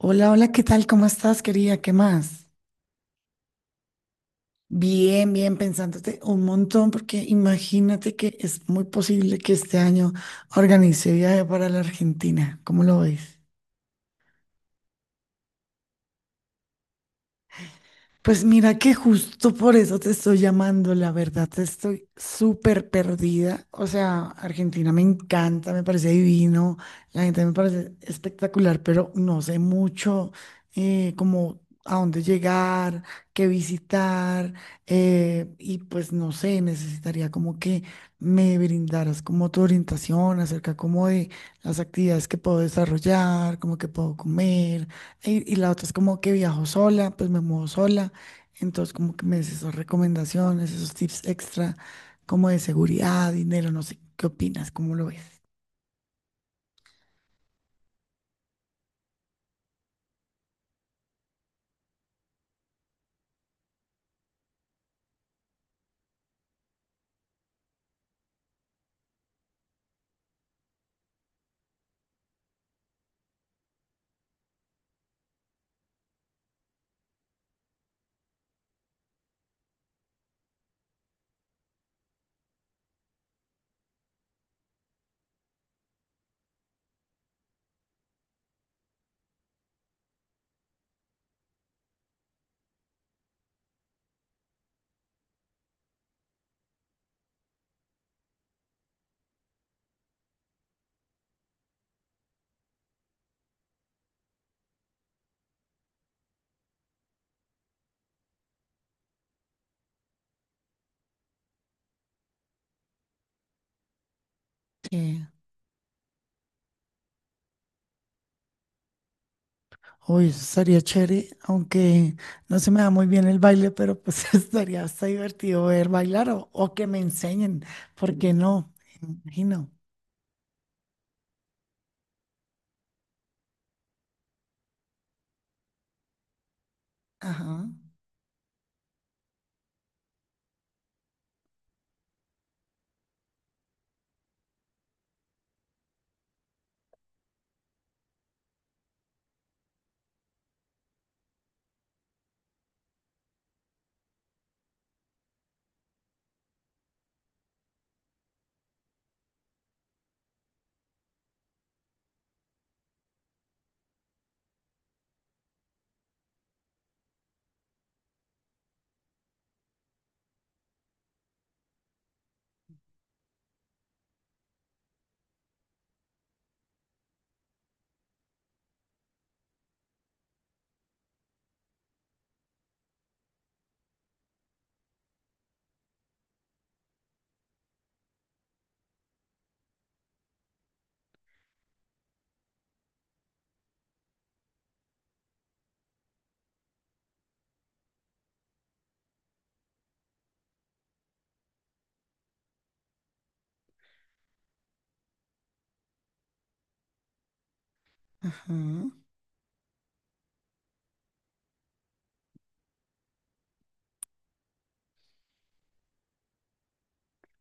Hola, hola, ¿qué tal? ¿Cómo estás, querida? ¿Qué más? Bien, bien, pensándote un montón, porque imagínate que es muy posible que este año organice viaje para la Argentina. ¿Cómo lo ves? Pues mira que justo por eso te estoy llamando, la verdad, estoy súper perdida. O sea, Argentina me encanta, me parece divino, la gente me parece espectacular, pero no sé mucho como a dónde llegar, qué visitar, y pues no sé, necesitaría como que me brindaras como tu orientación acerca como de las actividades que puedo desarrollar, como que puedo comer. Y la otra es como que viajo sola, pues me muevo sola. Entonces, como que me des esas recomendaciones, esos tips extra, como de seguridad, dinero, no sé, ¿qué opinas? ¿Cómo lo ves? Sí. Uy, eso estaría chévere, aunque no se me da muy bien el baile, pero pues estaría hasta divertido ver bailar o que me enseñen, ¿por qué no? Me imagino. Ajá, ajá.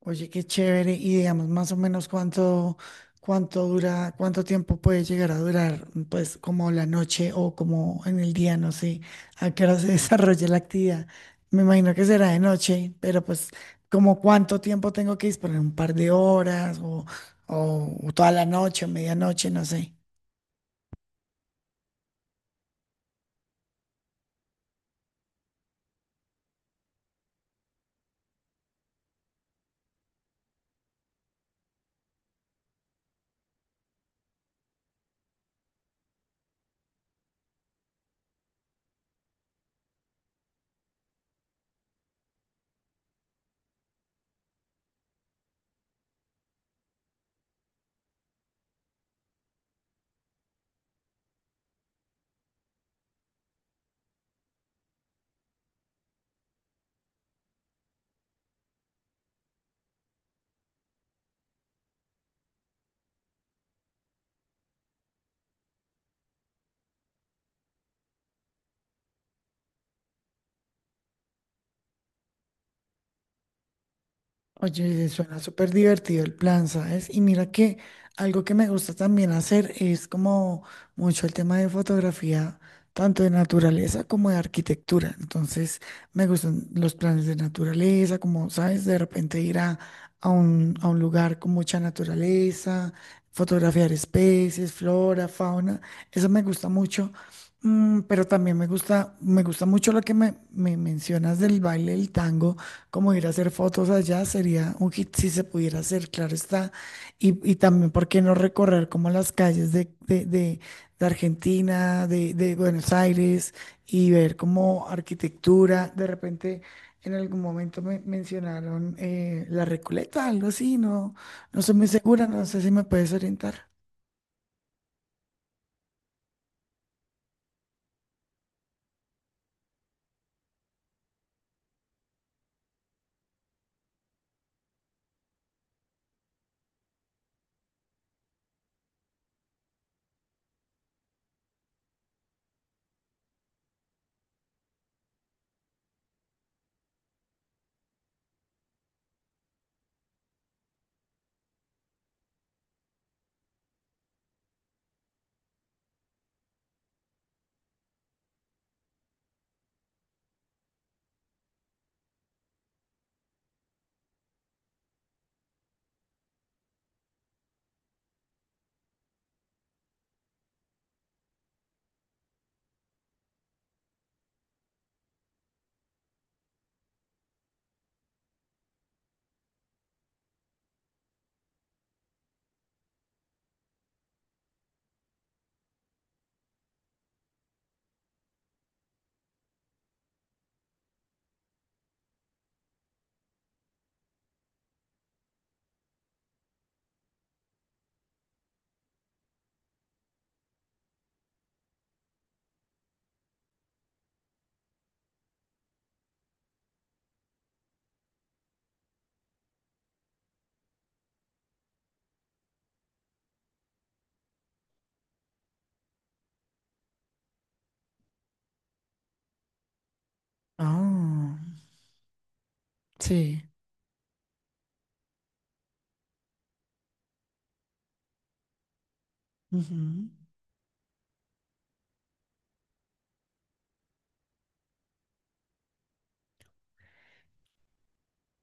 Oye, qué chévere. Y digamos más o menos cuánto dura, cuánto tiempo puede llegar a durar, pues como la noche o como en el día, no sé, a qué hora se desarrolla la actividad. Me imagino que será de noche, pero pues como cuánto tiempo tengo que disponer, un par de horas o toda la noche, medianoche, no sé. Oye, suena súper divertido el plan, ¿sabes? Y mira que algo que me gusta también hacer es como mucho el tema de fotografía, tanto de naturaleza como de arquitectura. Entonces, me gustan los planes de naturaleza, como, ¿sabes? De repente ir a un lugar con mucha naturaleza, fotografiar especies, flora, fauna. Eso me gusta mucho. Mm, pero también me gusta mucho lo que me mencionas del baile del tango, como ir a hacer fotos allá sería un hit si se pudiera hacer, claro está. Y también, ¿por qué no recorrer como las calles de Argentina, de Buenos Aires y ver como arquitectura? De repente, en algún momento me mencionaron la Recoleta, algo así, no, no soy muy segura, no sé si me puedes orientar. Ah, sí.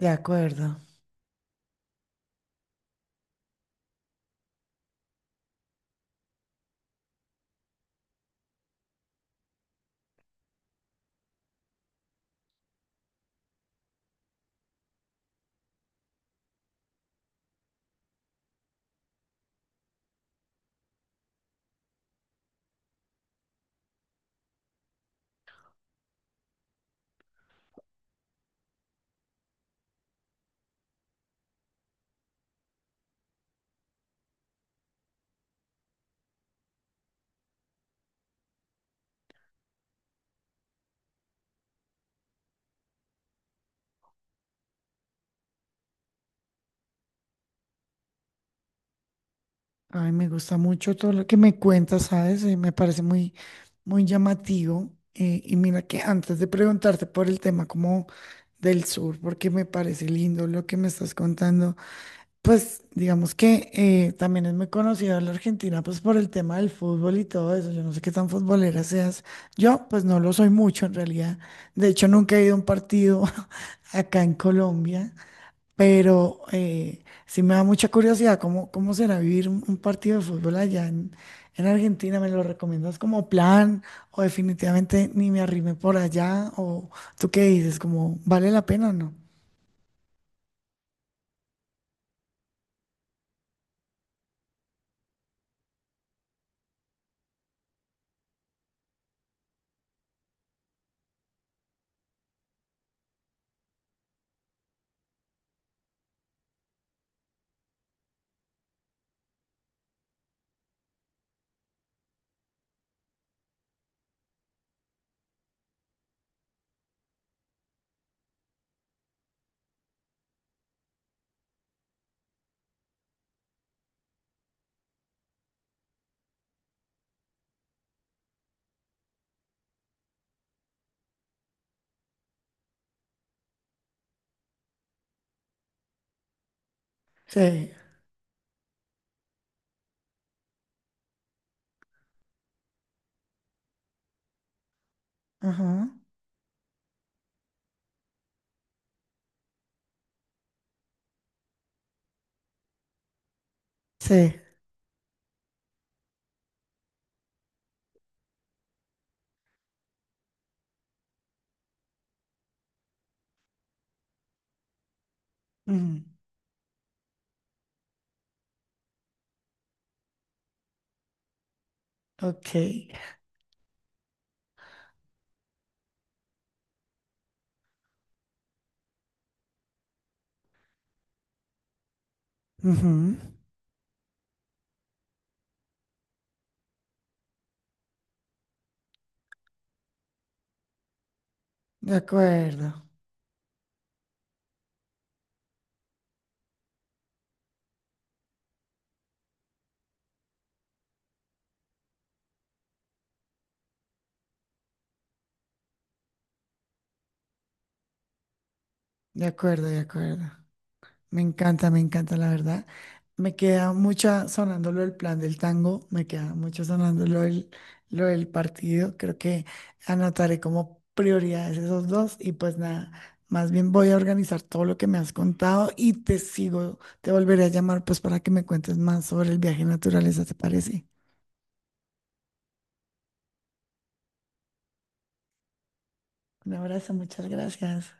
De acuerdo. Ay, me gusta mucho todo lo que me cuentas, ¿sabes? Me parece muy llamativo. Y mira que antes de preguntarte por el tema como del sur, porque me parece lindo lo que me estás contando, pues digamos que también es muy conocida la Argentina, pues por el tema del fútbol y todo eso. Yo no sé qué tan futbolera seas. Yo, pues no lo soy mucho en realidad. De hecho, nunca he ido a un partido acá en Colombia. Pero sí me da mucha curiosidad cómo, cómo será vivir un partido de fútbol en Argentina. ¿Me lo recomiendas como plan o definitivamente ni me arrime por allá? ¿O tú qué dices? ¿Como vale la pena o no? Sí. Ajá. Sí. Ujú. Ok. Ujú. De acuerdo. De acuerdo, de acuerdo. Me encanta, la verdad. Me queda mucha sonándolo el plan del tango, me queda mucho sonándolo el lo del partido. Creo que anotaré como prioridades esos dos y pues nada, más bien voy a organizar todo lo que me has contado y te sigo, te volveré a llamar pues para que me cuentes más sobre el viaje en naturaleza, ¿te parece? Un abrazo, muchas gracias.